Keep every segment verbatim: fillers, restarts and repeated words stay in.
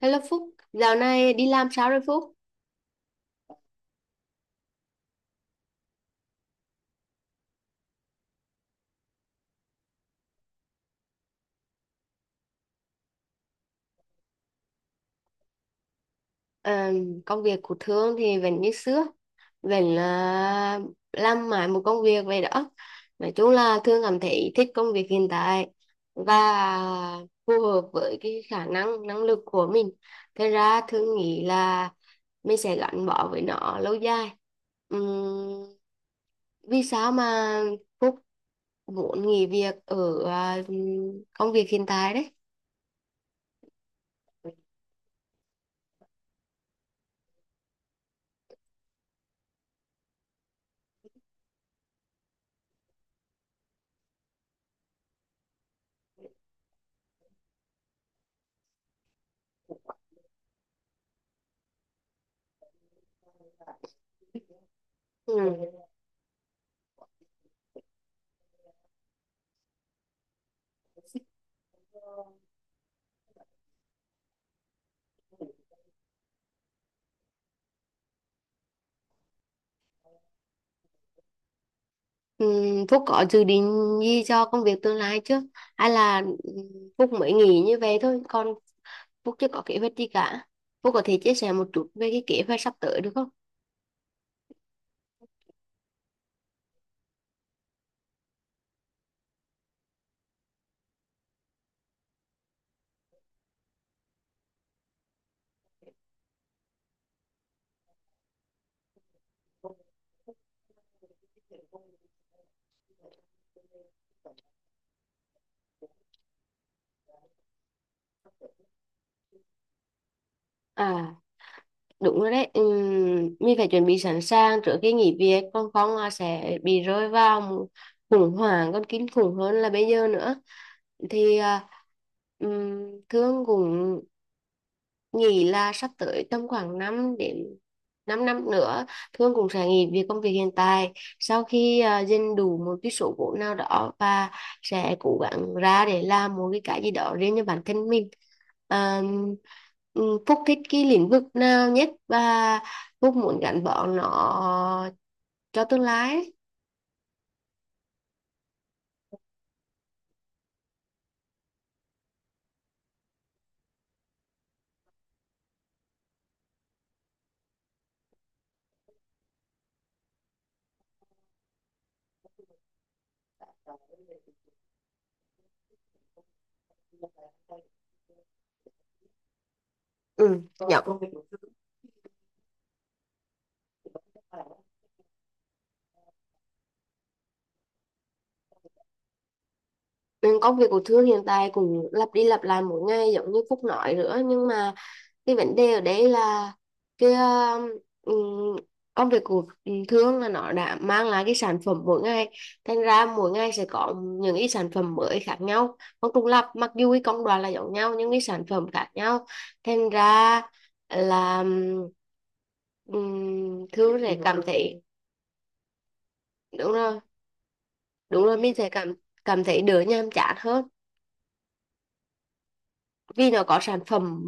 Hello Phúc, dạo này đi làm sao rồi Phúc? Ờ, công việc của Thương thì vẫn như xưa, vẫn là làm mãi một công việc vậy đó. Nói chung là Thương cảm thấy thích công việc hiện tại và phù hợp với cái khả năng, năng lực của mình. Thế ra Thương nghĩ là mình sẽ gắn bó với nó lâu dài. Ừm, Vì sao mà Phúc muốn nghỉ việc ở à, công việc hiện tại đấy? Ừ. Ừm, Phúc có dự định gì cho công việc tương lai chưa? Hay là ừm, Phúc mới nghĩ như vậy thôi, còn Phúc chưa có kế hoạch gì cả. Phúc có thể chia sẻ một chút về cái kế hoạch sắp tới được không? À, đúng rồi đấy. Ừm, mình phải chuẩn bị sẵn sàng trước khi nghỉ việc, còn không là sẽ bị rơi vào một khủng hoảng còn kinh khủng hơn là bây giờ nữa. Thì à, ừm, Thương cũng nghĩ là sắp tới tầm khoảng năm đến 5 năm nữa Thương cũng sẽ nghỉ việc công việc hiện tại sau khi uh, dành đủ một cái số vốn nào đó và sẽ cố gắng ra để làm một cái cái gì đó riêng cho bản thân mình. Ờ, ừm, Phúc thích cái lĩnh vực nào nhất và Phúc muốn gắn bó nó cho tương lai ấy? Ừ, dạ. Ừ, công việc của Thương hiện tại cũng lặp đi lặp lại mỗi ngày giống như Phúc nói nữa, nhưng mà cái vấn đề ở đấy là cái um, công việc của thương là nó đã mang lại cái sản phẩm mỗi ngày, thành ra mỗi ngày sẽ có những cái sản phẩm mới khác nhau không trùng lặp, mặc dù cái công đoạn là giống nhau nhưng cái sản phẩm khác nhau. Thành ra là um, Thương sẽ cảm thấy đúng rồi, đúng rồi mình sẽ cảm cảm thấy đỡ nhàm chán hơn vì nó có sản phẩm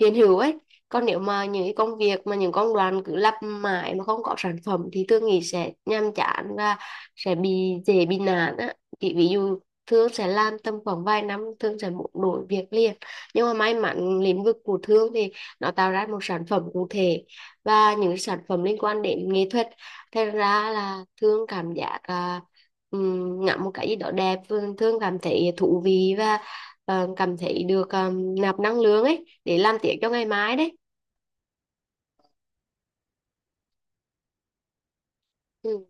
hiện hữu ấy. Còn nếu mà những cái công việc mà những công đoạn cứ lặp mãi mà không có sản phẩm thì tôi nghĩ sẽ nhàm chán và sẽ bị dễ bị nản á. Thì ví dụ Thương sẽ làm tầm khoảng vài năm Thương sẽ muốn đổi việc liền, nhưng mà may mắn lĩnh vực của Thương thì nó tạo ra một sản phẩm cụ thể và những sản phẩm liên quan đến nghệ thuật, thành ra là Thương cảm giác uh, ngắm một cái gì đó đẹp Thương cảm thấy thú vị và ờ, cảm thấy được ờ, nạp năng lượng ấy để làm tiếp cho ngày mai đấy. Ừ.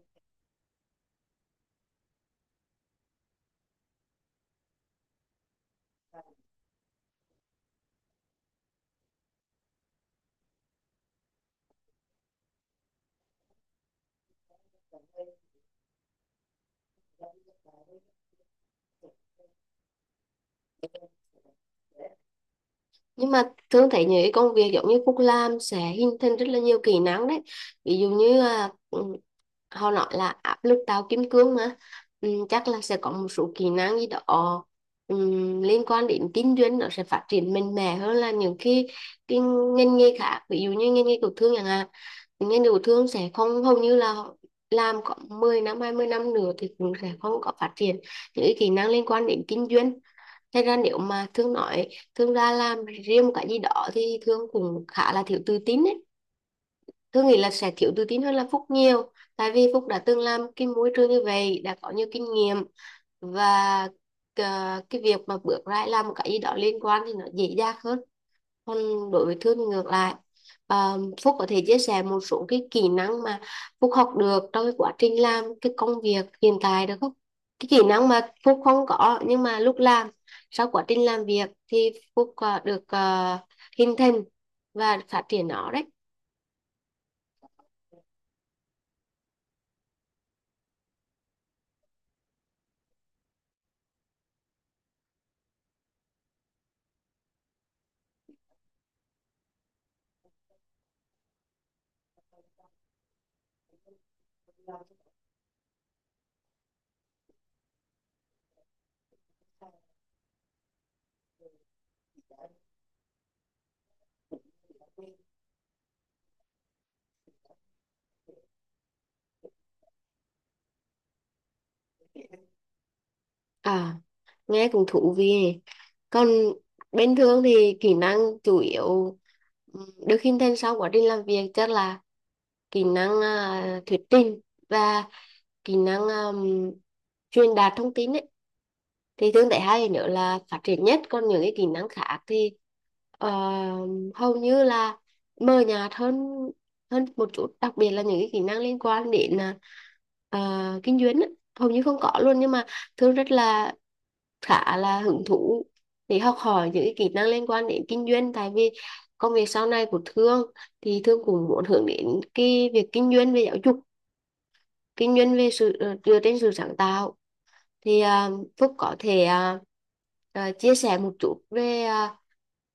Nhưng mà thường thấy những cái công việc giống như Phúc làm sẽ hình thành rất là nhiều kỹ năng đấy, ví dụ như à, ừ, họ nói là áp lực tạo kim cương mà. Ừ, chắc là sẽ có một số kỹ năng gì đó ừ, liên quan đến kinh doanh nó sẽ phát triển mạnh mẽ hơn là những cái cái ngành nghề khác, ví dụ như ngành nghề tiểu thương chẳng hạn. Ngành tiểu thương sẽ không, hầu như là làm có mười năm hai mươi năm nữa thì cũng sẽ không có phát triển những cái kỹ năng liên quan đến kinh doanh. Thế ra nếu mà Thương nói Thương ra làm riêng một cái gì đó thì Thương cũng khá là thiếu tự tin ấy. Thương nghĩ là sẽ thiếu tự tin hơn là Phúc nhiều. Tại vì Phúc đã từng làm cái môi trường như vậy, đã có nhiều kinh nghiệm và ờ, cái việc mà bước ra làm một cái gì đó liên quan thì nó dễ dàng hơn, còn đối với Thương thì ngược lại. à, Phúc có thể chia sẻ một số cái kỹ năng mà Phúc học được trong cái quá trình làm cái công việc hiện tại được không? Cái kỹ năng mà Phúc không có nhưng mà lúc làm sau quá trình làm việc thì Phúc à, được à, hình thành và phát triển nó đấy. À, nghe cũng thú vị nhỉ. Còn bên Thương thì kỹ năng chủ yếu ừ, được hình thành sau quá trình làm việc chắc là kỹ năng à, thuyết trình và kỹ năng um, truyền đạt thông tin ấy. Thì Thương thấy hai nữa là phát triển nhất, còn những cái kỹ năng khác thì ờ, hầu như là mờ nhạt hơn hơn một chút, đặc biệt là những cái kỹ năng liên quan đến à, ờ, kinh doanh ấy. Hầu như không có luôn, nhưng mà Thương rất là khá là hứng thú để học hỏi những cái kỹ năng liên quan đến kinh doanh. Tại vì công việc sau này của Thương thì Thương cũng muốn hướng đến cái việc kinh doanh về giáo dục, kinh doanh về sự ờ, dựa trên sự sáng tạo. Thì à, Phúc có thể à, à, chia sẻ một chút về à,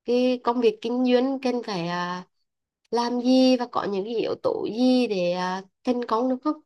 cái công việc kinh doanh cần phải à, làm gì và có những cái yếu tố gì để à, thành công được không?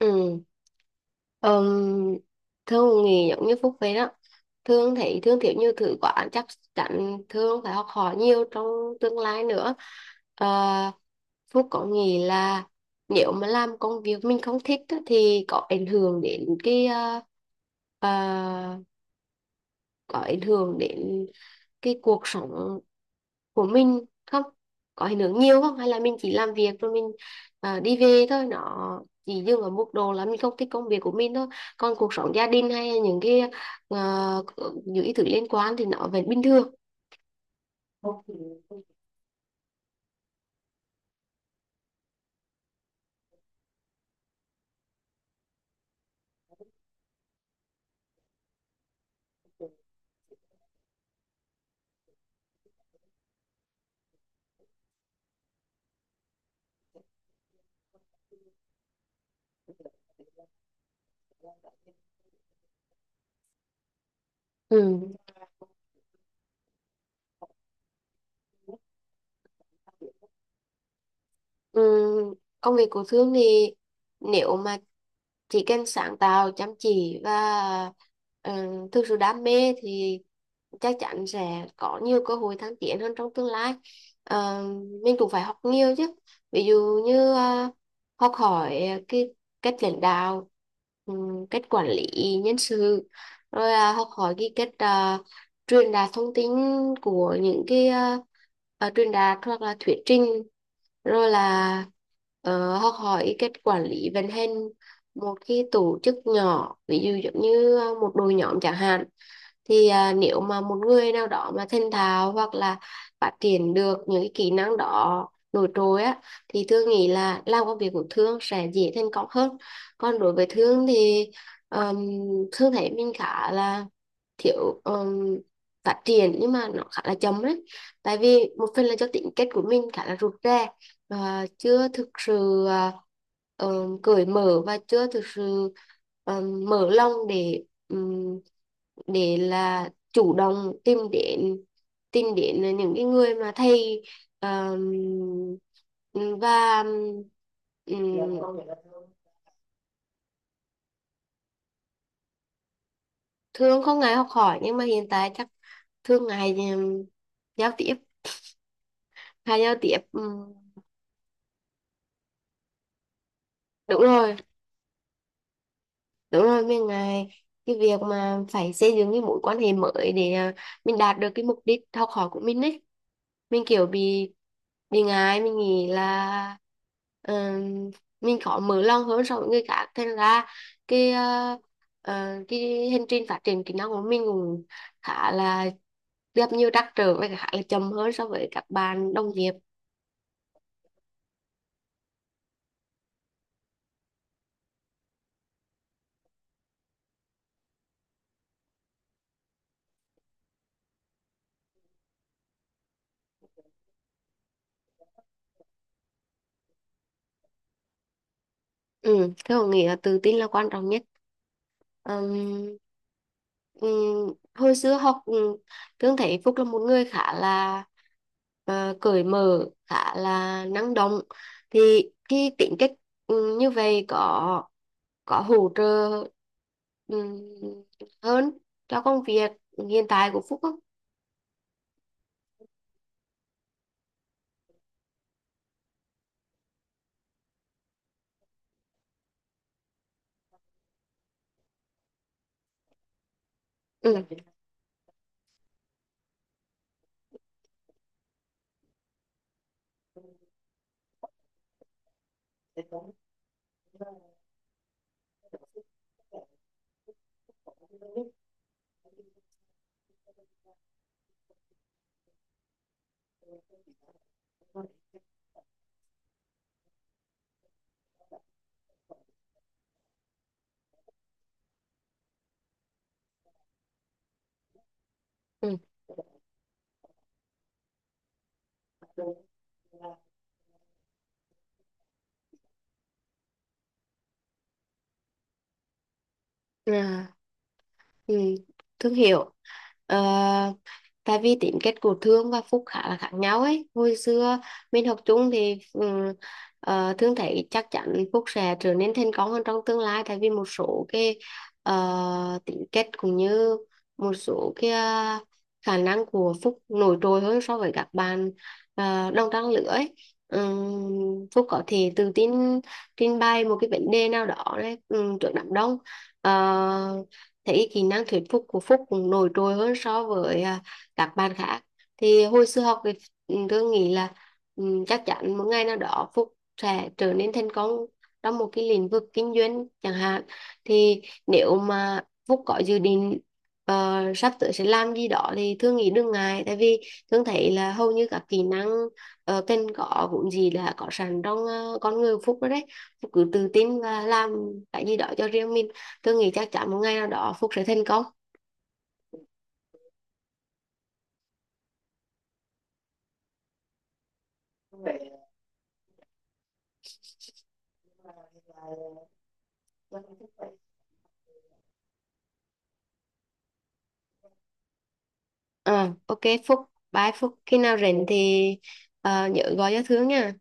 Ừ. um, Thương thì giống như Phúc vậy đó, thương thì thương kiểu như thử quả chắc chắn thương phải học hỏi nhiều trong tương lai nữa. Ờ, Phúc có nghĩ là nếu mà làm công việc mình không thích á, thì có ảnh hưởng đến cái ờ, ờ, có ảnh hưởng đến cái cuộc sống của mình không? Có ảnh hưởng nhiều không, hay là mình chỉ làm việc rồi mình à, đi về thôi, nó chỉ dừng ở mức độ là mình không thích công việc của mình thôi, còn cuộc sống gia đình hay những cái ờ, những cái thứ liên quan thì nó vẫn bình thường? Ừ. Ừm, công việc của Thương thì nếu mà chỉ cần sáng tạo, chăm chỉ và uh, thực sự đam mê thì chắc chắn sẽ có nhiều cơ hội thăng tiến hơn trong tương lai. Ờ, mình cũng phải học nhiều chứ, ví dụ như ờ, học hỏi cái cách lãnh đạo, ừm, cách quản lý nhân sự, rồi là học hỏi cái cách ờ, truyền đạt thông tin của những cái ờ, ờ, truyền đạt hoặc là thuyết trình, rồi là ờ, học hỏi ý cách quản lý vận hành một cái tổ chức nhỏ ví dụ giống như ờ, một đội nhóm chẳng hạn. Thì à, nếu mà một người nào đó mà thành thạo hoặc là phát triển được những cái kỹ năng đó nổi trội á thì Thương nghĩ là làm công việc của Thương sẽ dễ thành công hơn. Còn đối với Thương thì um, Thương thấy mình khá là thiếu, um, phát triển nhưng mà nó khá là chậm đấy, tại vì một phần là do tính cách của mình khá là rụt rè và chưa thực sự à, ờ, cởi mở và chưa thực sự ờ, mở lòng để ừm, để là chủ động tìm đến tìm đến những cái người mà thầy ờm, và ừm, thương không ngại học hỏi nhưng mà hiện tại chắc thương ngại ừm, giao tiếp, hay giao tiếp ừm, đúng rồi. Đúng rồi, mình ngại cái việc mà phải xây dựng cái mối quan hệ mới để à, mình đạt được cái mục đích học hỏi của mình ấy. Mình kiểu bị bị ngại mình nghĩ là ừm, mình khó mở lòng hơn so với người khác, thành ra cái à, à, cái hành trình phát triển kỹ năng của mình cũng khá là gặp nhiều trắc trở và khá là chậm hơn so với các bạn đồng nghiệp. Ừ, thế Hồng nghĩ là tự tin là quan trọng nhất. Ừm, ừm, Hồi xưa học, um, Thương thấy Phúc là một người khá là ờ, cởi mở, khá là năng động. Thì khi tính cách ừm, như vậy có có hỗ trợ ừm, hơn cho công việc hiện tại của Phúc không? Ừ. Ừ. À, ừ. Thương hiệu. Ờ, tại vì tính cách của Thương và Phúc khá là khác nhau ấy, hồi xưa mình học chung thì ừm, ờ, Thương thấy chắc chắn Phúc sẽ trở nên thành công hơn trong tương lai, tại vì một số cái ờ, tính cách cũng như một số cái ờ, khả năng của Phúc nổi trội hơn so với các bạn ờ, đồng trang lứa ấy. Ừm, Phúc có thể tự tin trình bày một cái vấn đề nào đó đấy, ừm, trước đám đông. Ờ, thấy kỹ năng thuyết phục của Phúc cũng nổi trội hơn so với à, các bạn khác. Thì hồi xưa học thì ừ, tôi nghĩ là ừ, chắc chắn một ngày nào đó Phúc sẽ trở nên thành công trong một cái lĩnh vực kinh doanh chẳng hạn. Thì nếu mà Phúc có dự định ờ, sắp tới sẽ làm gì đó thì thương nghĩ đừng ngại, tại vì thương thấy là hầu như các kỹ năng uh, cần có vốn gì là có sẵn trong ờ, con người Phúc đó đấy. Phúc cứ tự tin và làm cái gì đó cho riêng mình, thương nghĩ chắc chắn một ngày nào đó Phúc sẽ thành công. Ờ, ok Phúc, bye Phúc. Khi nào rảnh thì ờ, nhớ gọi cho Thương nha.